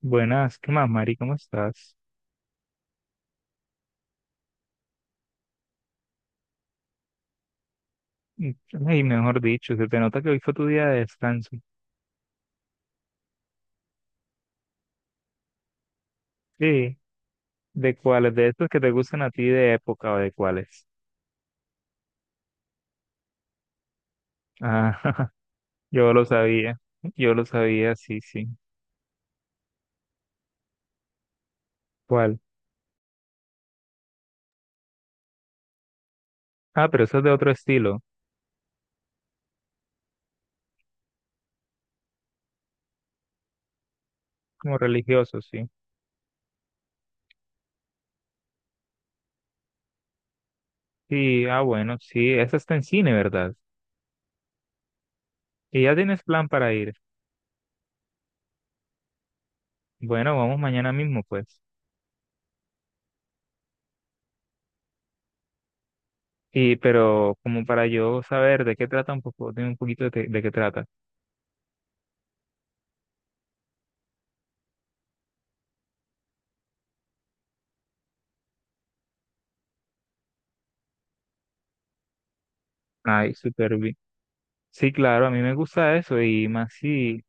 Buenas, ¿qué más, Mari? ¿Cómo estás? Mm. Ay, mejor dicho, se te nota que hoy fue tu día de descanso. Sí, ¿de cuáles? ¿De estos que te gustan a ti de época o de cuáles? Ah, yo lo sabía, yo lo sabía, sí, sí. ¿Cuál? Ah, pero eso es de otro estilo, como religioso, sí. Sí, ah, bueno, sí, esa está en cine, ¿verdad? Y ya tienes plan para ir. Bueno, vamos mañana mismo, pues. Y, pero como para yo saber de qué trata un poco, de un poquito de qué trata. Ay, súper bien. Sí, claro, a mí me gusta eso y más si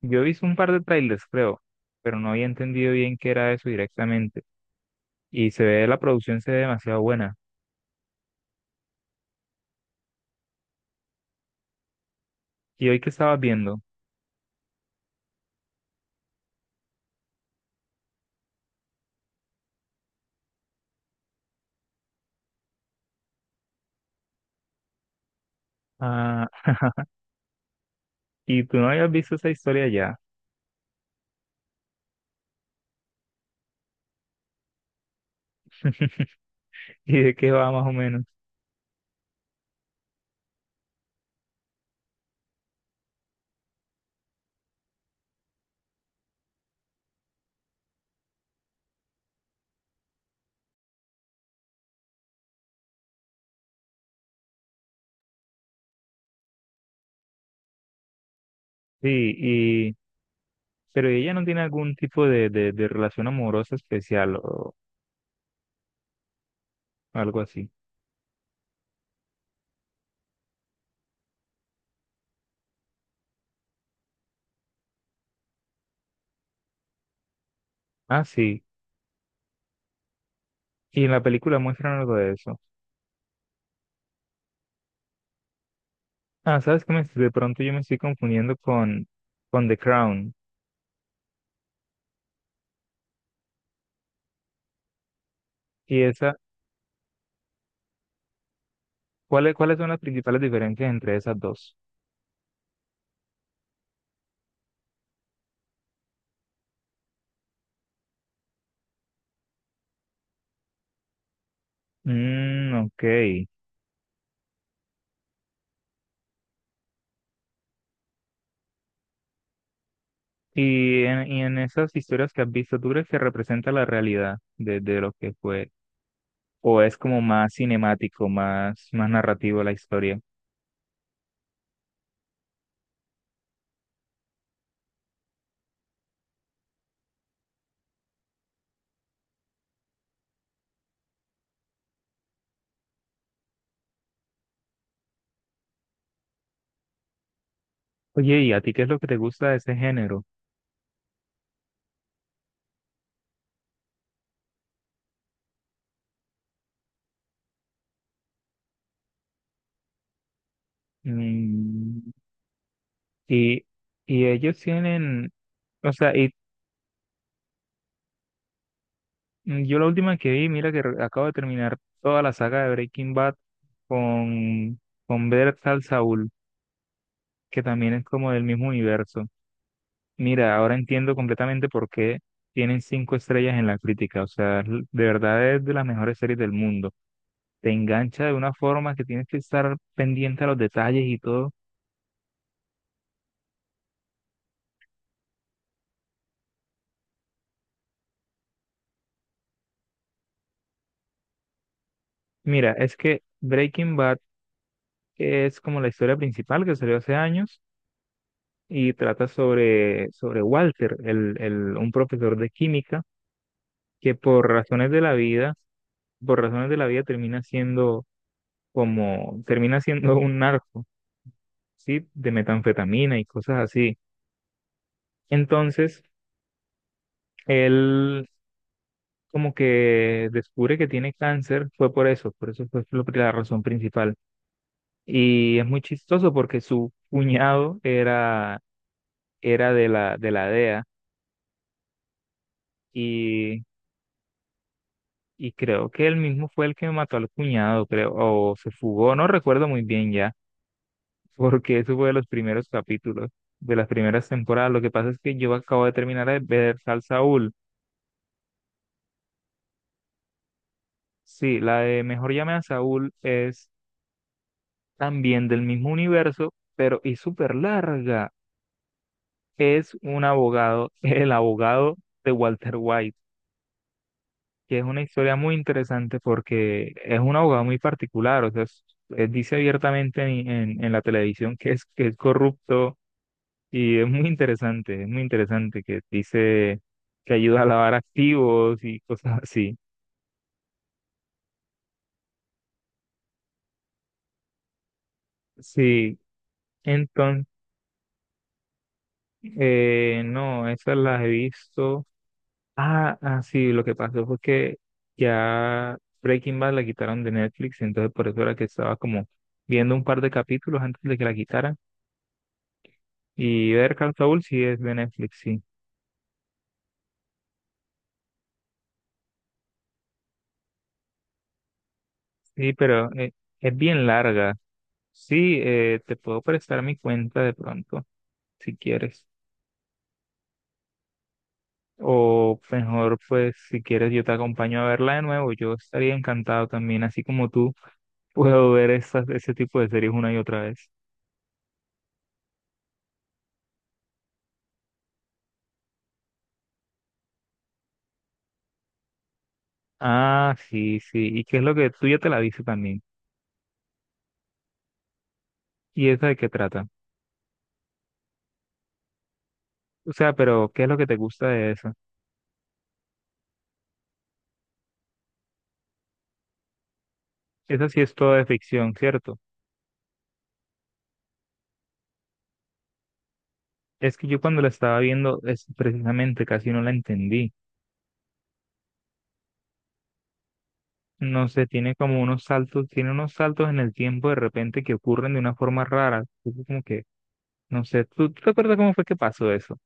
yo hice un par de trailers, creo, pero no había entendido bien qué era eso directamente. Y se ve, la producción se ve demasiado buena. ¿Y hoy que estabas viendo? Ah, y tú no habías visto esa historia ya. ¿Y de qué va más o menos? Sí, y pero ella no tiene algún tipo de relación amorosa especial o algo así. Ah, sí. Y en la película muestran algo de eso. Ah, sabes que de pronto yo me estoy confundiendo con The Crown. Y esa ¿cuáles, cuáles son las principales diferencias entre esas dos? Mm, ok. Y en esas historias que has visto, ¿tú crees que representa la realidad de lo que fue? ¿O es como más cinemático, más, más narrativo la historia? Oye, ¿y a ti qué es lo que te gusta de ese género? Mm, y, ellos tienen, o sea, yo la última que vi, mira que acabo de terminar toda la saga de Breaking Bad con, con Better Call Saul, que también es como del mismo universo. Mira, ahora entiendo completamente por qué tienen cinco estrellas en la crítica. O sea, de verdad es de las mejores series del mundo. Te engancha de una forma que tienes que estar pendiente a los detalles y todo. Mira, es que Breaking Bad es como la historia principal que salió hace años y trata sobre Walter, un profesor de química que por razones de la vida, por razones de la vida termina siendo como, termina siendo un narco, ¿sí? De metanfetamina y cosas así. Entonces, él como que descubre que tiene cáncer, fue por eso fue la razón principal. Y es muy chistoso porque su cuñado era, era de la DEA y, y creo que él mismo fue el que mató al cuñado, creo, o se fugó, no recuerdo muy bien ya, porque eso fue de los primeros capítulos, de las primeras temporadas. Lo que pasa es que yo acabo de terminar de ver Sal Saúl. Sí, la de Mejor llame a Saúl es también del mismo universo, pero y súper larga. Es un abogado, el abogado de Walter White, que es una historia muy interesante porque es un abogado muy particular, o sea, él dice abiertamente en la televisión que es corrupto y es muy interesante que dice que ayuda a lavar activos y cosas así. Sí, entonces, no, esas las he visto. Ah, ah, sí, lo que pasó fue que ya Breaking Bad la quitaron de Netflix, entonces por eso era que estaba como viendo un par de capítulos antes de que la quitaran. Y ver Call Saul sí es de Netflix, sí. Sí, pero es bien larga. Sí, te puedo prestar mi cuenta de pronto, si quieres. O mejor, pues, si quieres, yo te acompaño a verla de nuevo. Yo estaría encantado también, así como tú, puedo ver esas, ese tipo de series una y otra vez. Ah, sí, sí. ¿Y qué es lo que tú ya te la viste también? ¿Y esa de qué trata? O sea, pero ¿qué es lo que te gusta de esa? Esa sí es toda de ficción, ¿cierto? Es que yo cuando la estaba viendo, es precisamente casi no la entendí. No sé, tiene como unos saltos, tiene unos saltos en el tiempo de repente que ocurren de una forma rara. Es como que, no sé, ¿tú, tú te acuerdas cómo fue que pasó eso?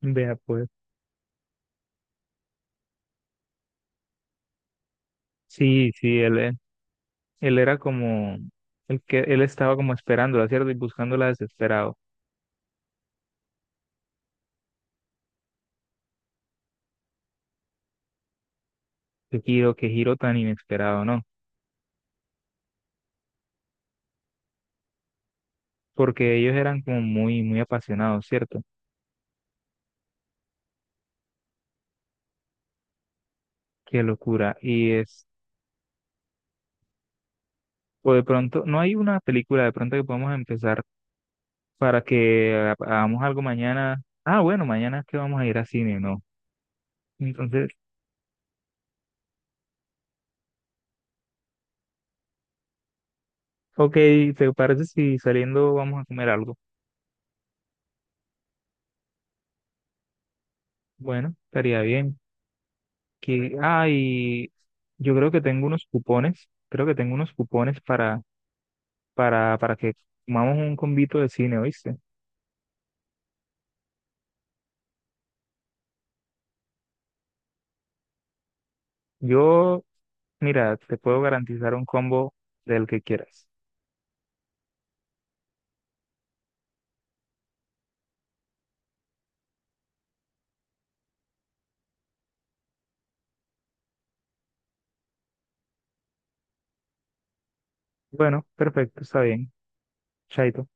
Vea, pues. Sí, sí, él era como, el que él estaba como esperándola, ¿cierto? Y buscándola desesperado. Qué giro tan inesperado, ¿no? Porque ellos eran como muy, muy apasionados, ¿cierto? Qué locura. Y es, o de pronto, no hay una película de pronto que podemos empezar para que hagamos algo mañana. Ah, bueno, mañana es que vamos a ir a cine, ¿no? Entonces, ok, ¿te parece si saliendo vamos a comer algo? Bueno, estaría bien. Que, ah, y yo creo que tengo unos cupones, creo que tengo unos cupones para que comamos un combito de cine, ¿oíste? Yo, mira, te puedo garantizar un combo del que quieras. Bueno, perfecto, está bien. Chaito.